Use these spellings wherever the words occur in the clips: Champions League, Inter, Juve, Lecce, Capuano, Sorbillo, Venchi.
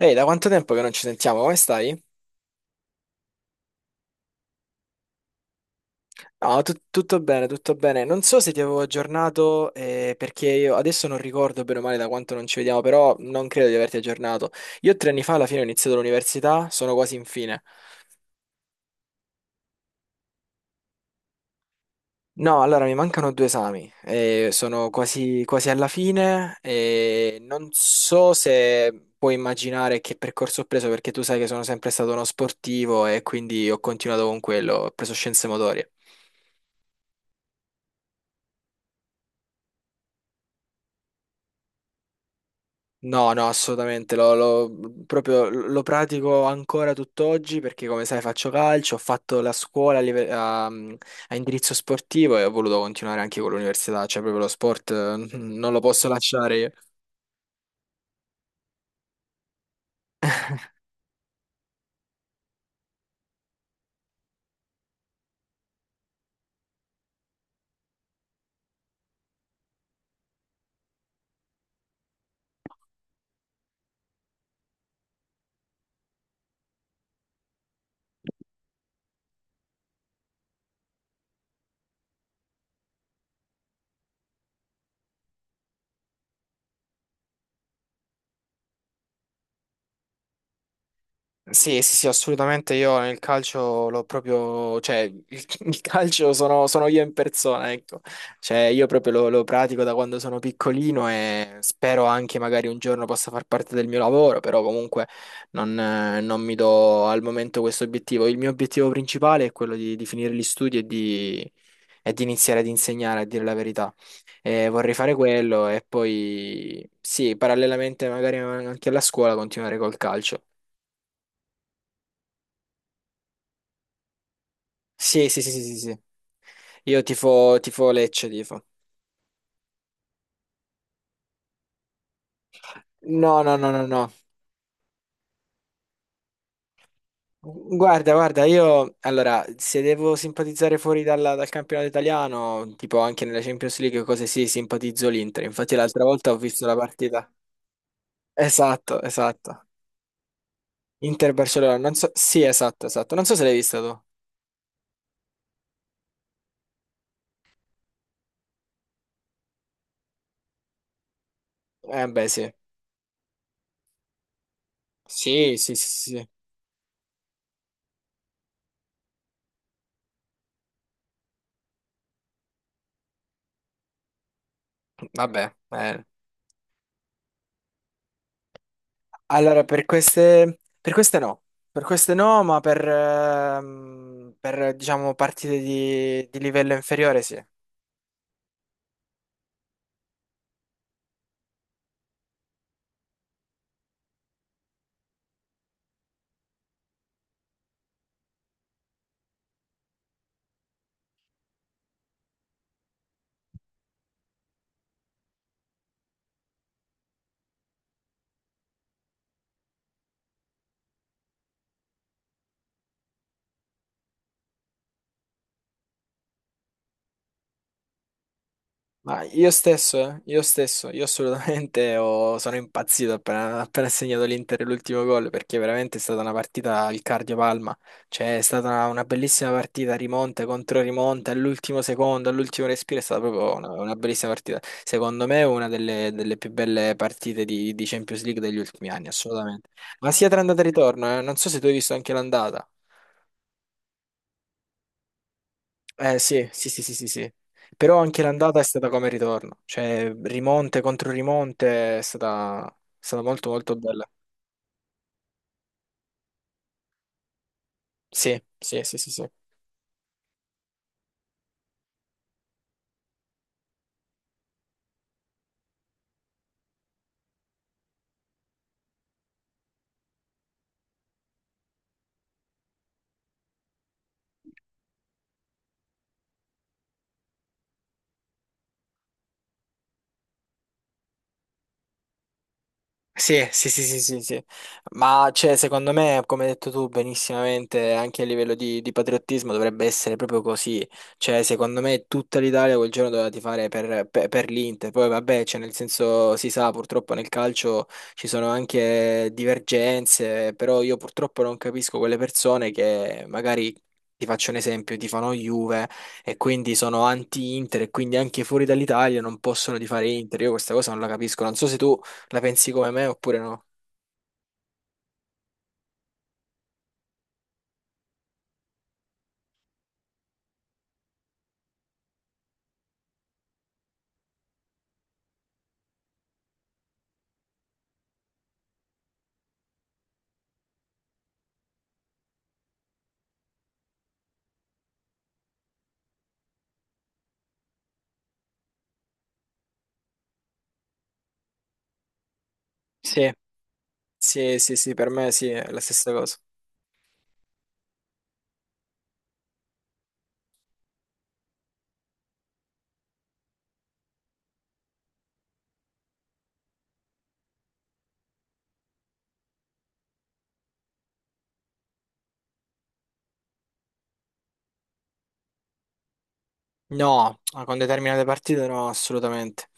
Ehi, da quanto tempo che non ci sentiamo? Come stai? No, tutto bene, tutto bene. Non so se ti avevo aggiornato, perché io adesso non ricordo bene o male da quanto non ci vediamo, però non credo di averti aggiornato. Io 3 anni fa alla fine ho iniziato l'università, sono quasi in fine. No, allora mi mancano 2 esami, sono quasi alla fine e non so se puoi immaginare che percorso ho preso perché tu sai che sono sempre stato uno sportivo e quindi ho continuato con quello, ho preso scienze motorie. No, no, assolutamente, proprio lo pratico ancora tutt'oggi perché come sai faccio calcio, ho fatto la scuola a, live- a- mhmm, a indirizzo sportivo e ho voluto continuare anche con l'università, cioè proprio lo sport non lo posso lasciare io. Sì, sì, sì, assolutamente. Io nel calcio l'ho proprio, cioè, il calcio sono io in persona, ecco. Cioè, io proprio lo pratico da quando sono piccolino e spero anche magari un giorno possa far parte del mio lavoro, però comunque non mi do al momento questo obiettivo. Il mio obiettivo principale è quello di finire gli studi e di iniziare ad insegnare, a dire la verità. E vorrei fare quello e poi, sì, parallelamente magari anche alla scuola continuare col calcio. Sì, sì, sì, sì, sì. Sì. Io tifo Lecce, tifo. No, no, no, no, no. Guarda, guarda, io allora, se devo simpatizzare fuori dal campionato italiano, tipo anche nella Champions League, cose sì, simpatizzo l'Inter. Infatti l'altra volta ho visto la partita. Esatto, esatto. Inter-Barcellona, non so. Sì, esatto, esatto. Non so se l'hai vista tu. Beh, sì. Sì, sì, sì, sì. Vabbè, eh. Allora, per queste no, ma diciamo partite di livello inferiore sì. Ma io assolutamente sono impazzito appena ha segnato l'Inter l'ultimo gol perché veramente è stata una partita al cardio-palma, cioè è stata una bellissima partita, rimonte contro rimonte, all'ultimo secondo, all'ultimo respiro, è stata proprio una bellissima partita. Secondo me è una delle più belle partite di Champions League degli ultimi anni, assolutamente. Ma sia tra andata e ritorno, non so se tu hai visto anche l'andata. Eh sì, sì, sì, sì, sì, sì. Però anche l'andata è stata come il ritorno, cioè rimonte contro rimonte è stata molto molto bella. Sì, sì, sì, sì, sì. Sì, sì, sì, sì, sì, sì. Ma cioè, secondo me, come hai detto tu benissimamente, anche a livello di patriottismo dovrebbe essere proprio così. Cioè, secondo me tutta l'Italia quel giorno doveva tifare per l'Inter. Poi vabbè, cioè, nel senso si sa, purtroppo nel calcio ci sono anche divergenze, però io purtroppo non capisco quelle persone che magari ti faccio un esempio, tifano Juve e quindi sono anti-Inter e quindi anche fuori dall'Italia non possono tifare Inter. Io questa cosa non la capisco. Non so se tu la pensi come me oppure no? Sì, sì, sì, sì, per me sì, è la stessa cosa. No, ah, con determinate partite no, assolutamente.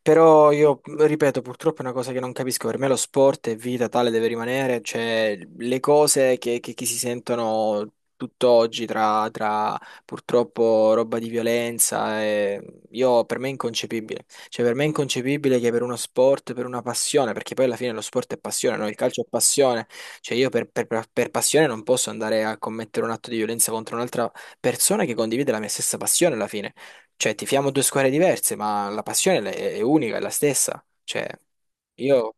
Però io ripeto, purtroppo è una cosa che non capisco. Per me lo sport è vita, tale deve rimanere. Cioè, le cose che si sentono tutt'oggi tra purtroppo roba di violenza, io, per me è inconcepibile. Cioè, per me è inconcepibile che per uno sport, per una passione, perché poi alla fine lo sport è passione, no? Il calcio è passione. Cioè, io per passione non posso andare a commettere un atto di violenza contro un'altra persona che condivide la mia stessa passione alla fine. Cioè, tifiamo due squadre diverse, ma la passione è unica, è la stessa. Cioè, io.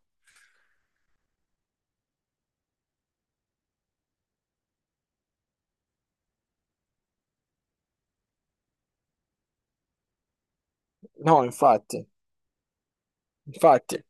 No, infatti, infatti.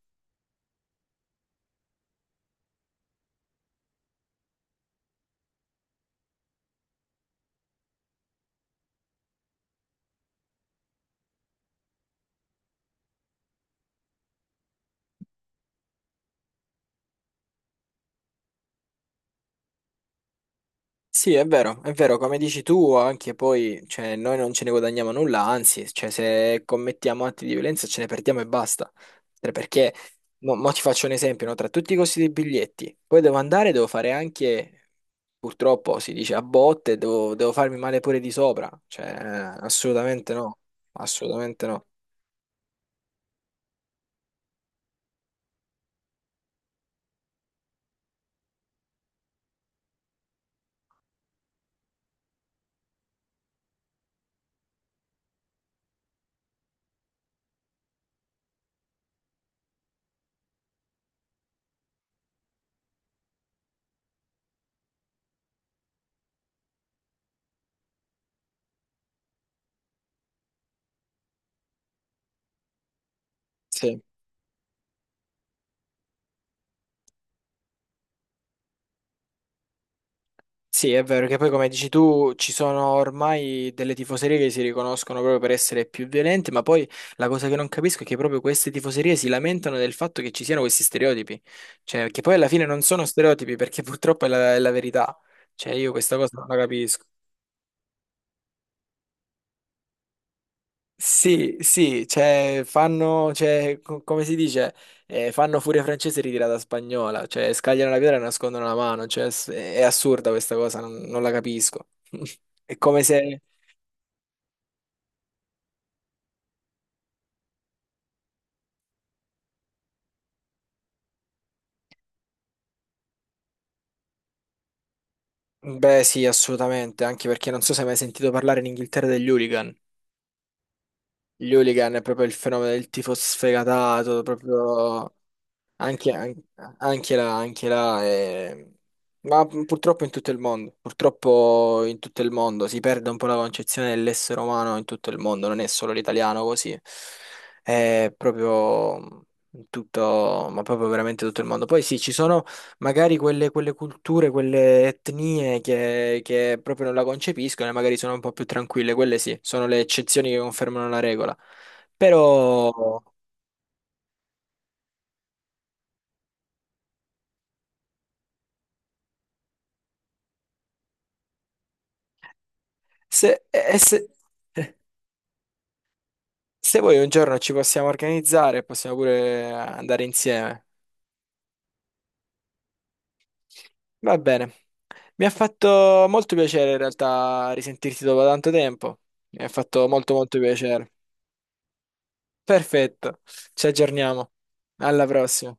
Sì, è vero, come dici tu, anche poi, cioè, noi non ce ne guadagniamo nulla, anzi, cioè, se commettiamo atti di violenza ce ne perdiamo e basta. Cioè, perché, mo ti faccio un esempio, no? Tra tutti i costi dei biglietti, poi devo andare, devo fare anche, purtroppo si dice a botte, devo farmi male pure di sopra, cioè, assolutamente no, assolutamente no. Sì. Sì, è vero che poi come dici tu ci sono ormai delle tifoserie che si riconoscono proprio per essere più violente, ma poi la cosa che non capisco è che proprio queste tifoserie si lamentano del fatto che ci siano questi stereotipi, cioè che poi alla fine non sono stereotipi perché purtroppo è la verità, cioè io questa cosa non la capisco. Sì, sì, cioè fanno, cioè, come si dice, fanno furia francese ritirata spagnola, cioè scagliano la pietra e nascondono la mano, cioè è assurda questa cosa, non la capisco. È come se. Beh, sì, assolutamente, anche perché non so se hai mai sentito parlare in Inghilterra degli hooligan. Gli hooligan è proprio il fenomeno del tifo sfegatato, proprio anche, an- anche là, ma purtroppo in tutto il mondo, purtroppo in tutto il mondo si perde un po' la concezione dell'essere umano in tutto il mondo, non è solo l'italiano così, è proprio in tutto, ma proprio veramente tutto il mondo. Poi sì, ci sono magari quelle culture, quelle etnie che proprio non la concepiscono e magari sono un po' più tranquille, quelle sì, sono le eccezioni che confermano la regola. Però se, e se- se vuoi un giorno ci possiamo organizzare, possiamo pure andare insieme. Va bene. Mi ha fatto molto piacere in realtà risentirti dopo tanto tempo. Mi ha fatto molto molto piacere. Perfetto, ci aggiorniamo. Alla prossima.